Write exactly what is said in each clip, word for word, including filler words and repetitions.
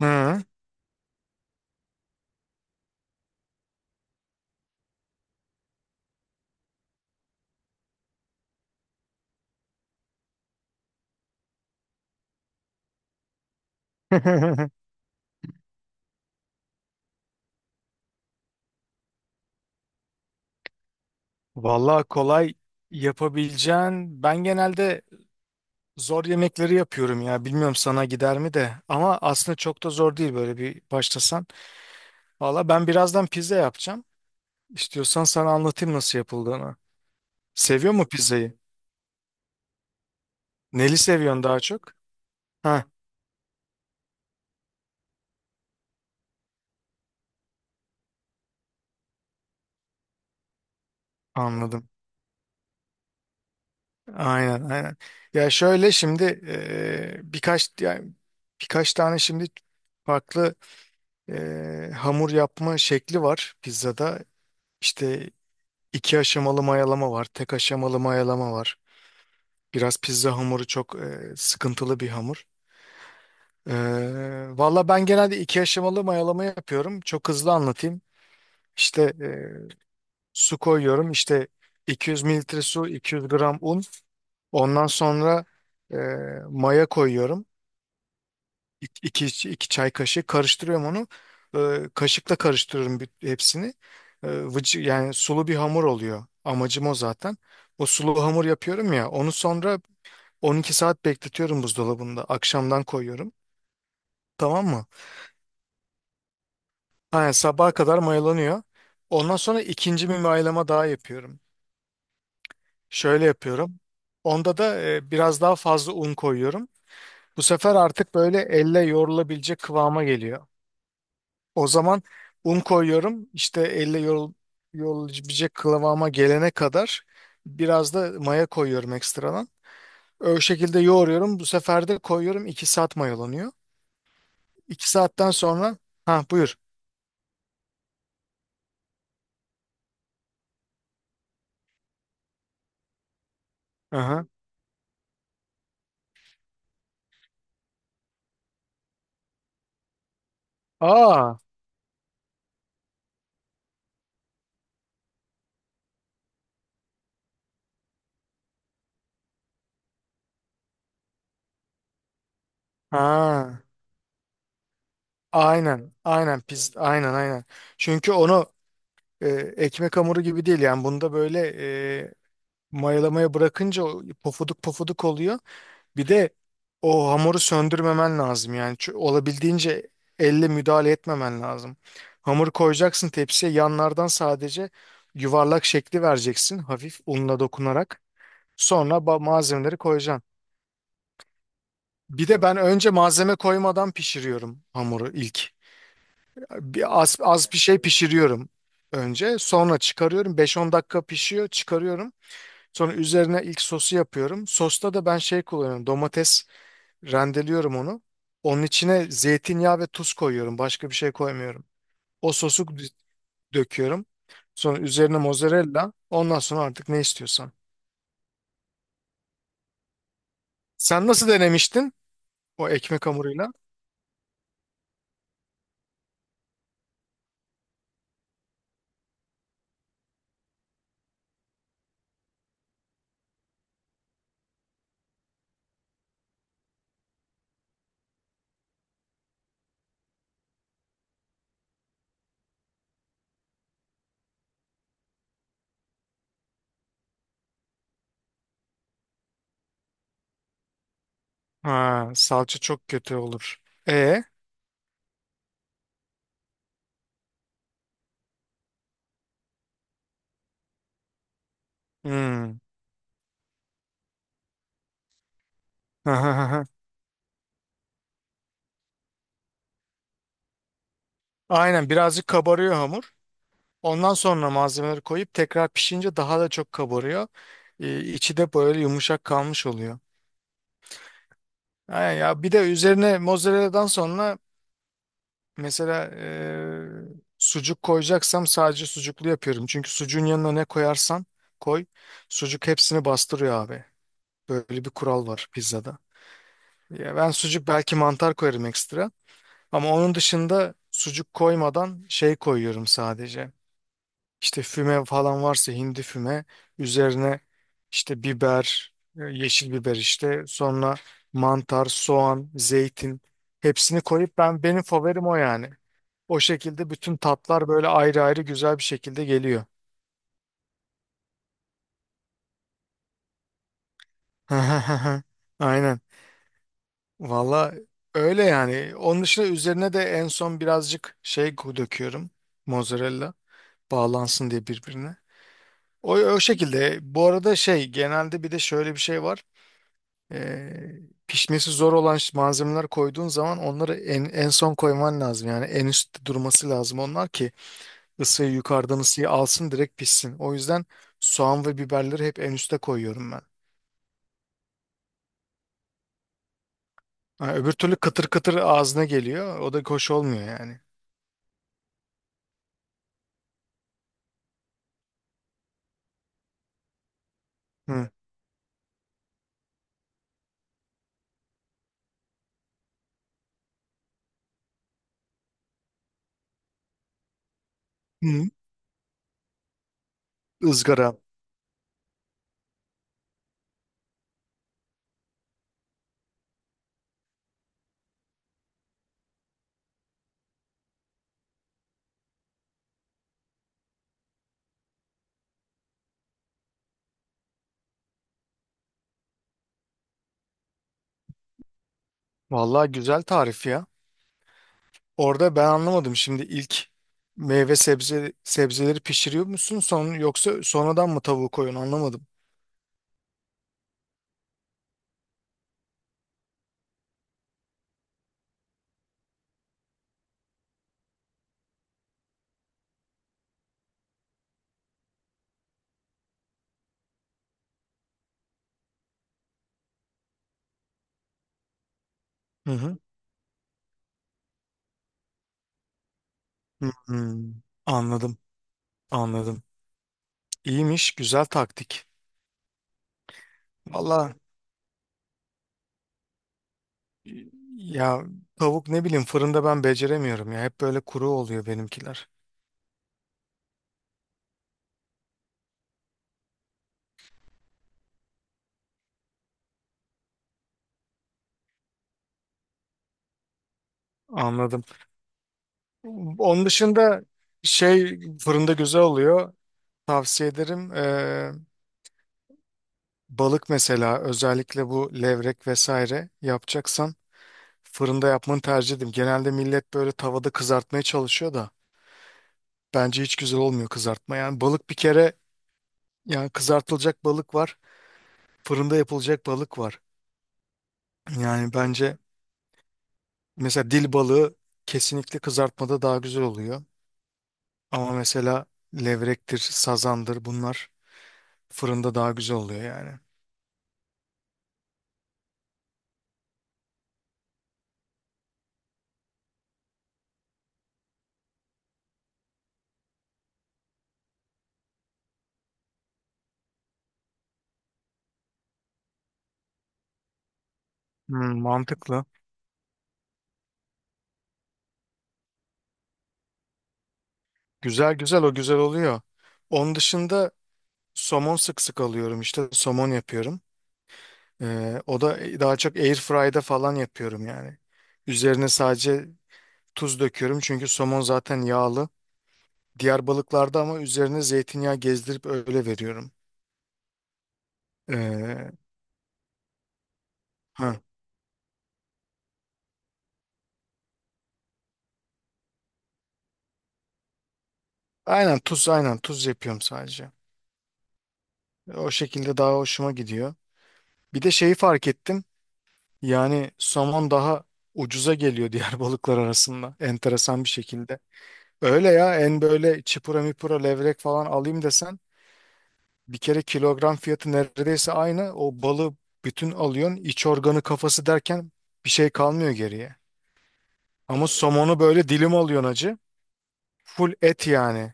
Hı. Vallahi kolay yapabileceğin. Ben genelde zor yemekleri yapıyorum ya. Bilmiyorum sana gider mi de. Ama aslında çok da zor değil böyle bir başlasan. Vallahi ben birazdan pizza yapacağım. İstiyorsan sana anlatayım nasıl yapıldığını. Seviyor mu pizzayı? Neli seviyorsun daha çok? Ha, anladım. Aynen, aynen. Ya şöyle şimdi eee, birkaç, yani birkaç tane şimdi farklı eee, hamur yapma şekli var pizzada. İşte İki aşamalı mayalama var, tek aşamalı mayalama var. Biraz pizza hamuru çok e, sıkıntılı bir hamur. E, valla ben genelde iki aşamalı mayalama yapıyorum. Çok hızlı anlatayım. İşte e, su koyuyorum. İşte 200 mililitre su, 200 gram un. Ondan sonra e, maya koyuyorum. İki iki, iki çay kaşığı karıştırıyorum onu. Ee, kaşıkla karıştırıyorum büt- hepsini. Ee, vıcı- yani sulu bir hamur oluyor. Amacım o zaten. O sulu hamur yapıyorum ya. Onu sonra on iki saat bekletiyorum buzdolabında. Akşamdan koyuyorum. Tamam mı? Aynen, sabaha kadar mayalanıyor. Ondan sonra ikinci bir mayalama daha yapıyorum. Şöyle yapıyorum. Onda da e, biraz daha fazla un koyuyorum. Bu sefer artık böyle elle yoğrulabilecek kıvama geliyor. O zaman un koyuyorum. İşte elle yol, yollayabilecek kıvama gelene kadar biraz da maya koyuyorum ekstradan. O şekilde yoğuruyorum. Bu sefer de koyuyorum. iki saat mayalanıyor. 2 saatten sonra, ha, buyur. Aha. Aa. Ha. Aynen. Aynen, pis. Aynen, aynen. Çünkü onu e, ekmek hamuru gibi değil yani. Bunda böyle e, mayalamaya bırakınca o pofuduk pofuduk oluyor. Bir de o hamuru söndürmemen lazım, yani Çö- olabildiğince elle müdahale etmemen lazım. Hamuru koyacaksın tepsiye, yanlardan sadece yuvarlak şekli vereceksin hafif unla dokunarak. Sonra ba- malzemeleri koyacaksın. Bir de ben önce malzeme koymadan pişiriyorum hamuru ilk. Bir az, az bir şey pişiriyorum önce. Sonra çıkarıyorum. 5-10 dakika pişiyor, çıkarıyorum. Sonra üzerine ilk sosu yapıyorum. Sosta da ben şey kullanıyorum. Domates. Rendeliyorum onu. Onun içine zeytinyağı ve tuz koyuyorum. Başka bir şey koymuyorum. O sosu d- döküyorum. Sonra üzerine mozzarella. Ondan sonra artık ne istiyorsan. Sen nasıl denemiştin o ekmek hamuruyla? Ha, salça çok kötü olur. E, hmm. Aynen, birazcık kabarıyor hamur. Ondan sonra malzemeleri koyup tekrar pişince daha da çok kabarıyor. Ee, içi de böyle yumuşak kalmış oluyor. Aynen, ya bir de üzerine mozzarella'dan sonra, mesela eee, sucuk koyacaksam sadece sucuklu yapıyorum. Çünkü sucuğun yanına ne koyarsan koy, sucuk hepsini bastırıyor abi. Böyle bir kural var pizzada. Ya ben sucuk, belki mantar koyarım ekstra. Ama onun dışında sucuk koymadan şey koyuyorum sadece. İşte füme falan varsa hindi füme, üzerine işte biber, e, yeşil biber işte, sonra mantar, soğan, zeytin, hepsini koyup ben benim favorim o yani. O şekilde bütün tatlar böyle ayrı ayrı güzel bir şekilde geliyor. Aynen. Valla öyle yani. Onun dışında üzerine de en son birazcık şey döküyorum. Mozzarella bağlansın diye birbirine. O, o şekilde. Bu arada şey, genelde bir de şöyle bir şey var. Ee, pişmesi zor olan ş- malzemeler koyduğun zaman onları en, en son koyman lazım. Yani en üstte durması lazım onlar ki ısıyı yukarıdan ısıyı alsın, direkt pişsin. O yüzden soğan ve biberleri hep en üste koyuyorum ben. Ha, öbür türlü kıtır kıtır ağzına geliyor. O da hoş olmuyor yani. Hı. Hı. Izgara. Vallahi güzel tarif ya. Orada ben anlamadım şimdi, ilk meyve sebze sebzeleri pişiriyor musun son, yoksa sonradan mı tavuğu koyun anlamadım. Hı hı. Hı hı. Anladım. Anladım. İyiymiş, güzel taktik. Valla ya, tavuk ne bileyim, fırında ben beceremiyorum ya. Hep böyle kuru oluyor benimkiler. Anladım. Onun dışında şey fırında güzel oluyor. Tavsiye ederim. Ee, balık mesela, özellikle bu levrek vesaire yapacaksan fırında yapmanı tercih ederim. Genelde millet böyle tavada kızartmaya çalışıyor da bence hiç güzel olmuyor kızartma. Yani balık bir kere, yani kızartılacak balık var, fırında yapılacak balık var. Yani bence mesela dil balığı kesinlikle kızartmada daha güzel oluyor. Ama mesela levrektir, sazandır, bunlar fırında daha güzel oluyor yani. Hmm, mantıklı. Güzel, güzel, o güzel oluyor. Onun dışında somon sık sık alıyorum işte. Somon yapıyorum. Ee, o da daha çok air fry'da falan yapıyorum yani. Üzerine sadece tuz döküyorum çünkü somon zaten yağlı. Diğer balıklarda ama üzerine zeytinyağı gezdirip öyle veriyorum. Ee, ha. Aynen, tuz, aynen tuz yapıyorum sadece. O şekilde daha hoşuma gidiyor. Bir de şeyi fark ettim. Yani somon daha ucuza geliyor diğer balıklar arasında. Enteresan bir şekilde. Öyle ya, en böyle çipura mipura levrek falan alayım desen, bir kere kilogram fiyatı neredeyse aynı. O balı bütün alıyorsun. İç organı, kafası derken bir şey kalmıyor geriye. Ama somonu böyle dilim alıyorsun acı. Full et yani.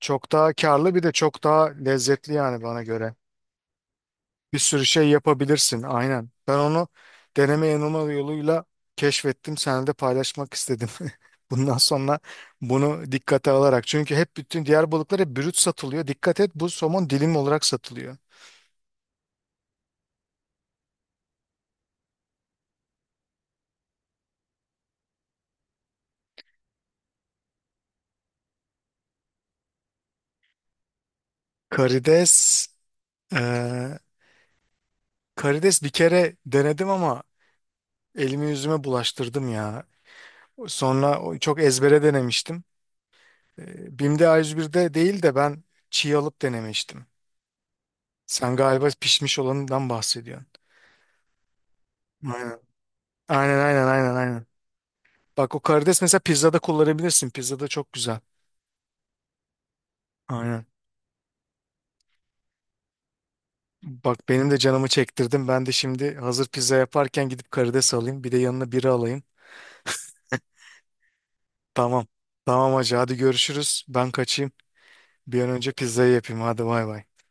Çok daha karlı, bir de çok daha lezzetli yani bana göre. Bir sürü şey yapabilirsin aynen. Ben onu deneme yanılma yoluyla keşfettim. Seninle de paylaşmak istedim. Bundan sonra bunu dikkate alarak. Çünkü hep bütün diğer balıklar hep brüt satılıyor. Dikkat et, bu somon dilim olarak satılıyor. Karides, eee, Karides bir kere denedim ama elimi yüzüme bulaştırdım ya. Sonra o- çok ezbere denemiştim. Ee, Bim'de A yüz birde değil de ben çiğ alıp denemiştim. Sen galiba pişmiş olanından bahsediyorsun. Aynen. Aynen, aynen, aynen, aynen. Bak, o karides mesela pizzada kullanabilirsin. Pizzada çok güzel. Aynen. Bak, benim de canımı çektirdim. Ben de şimdi hazır pizza yaparken gidip karides alayım. Bir de yanına biri alayım. Tamam. Tamam hacı, hadi görüşürüz. Ben kaçayım. Bir an önce pizzayı yapayım. Hadi bay bay.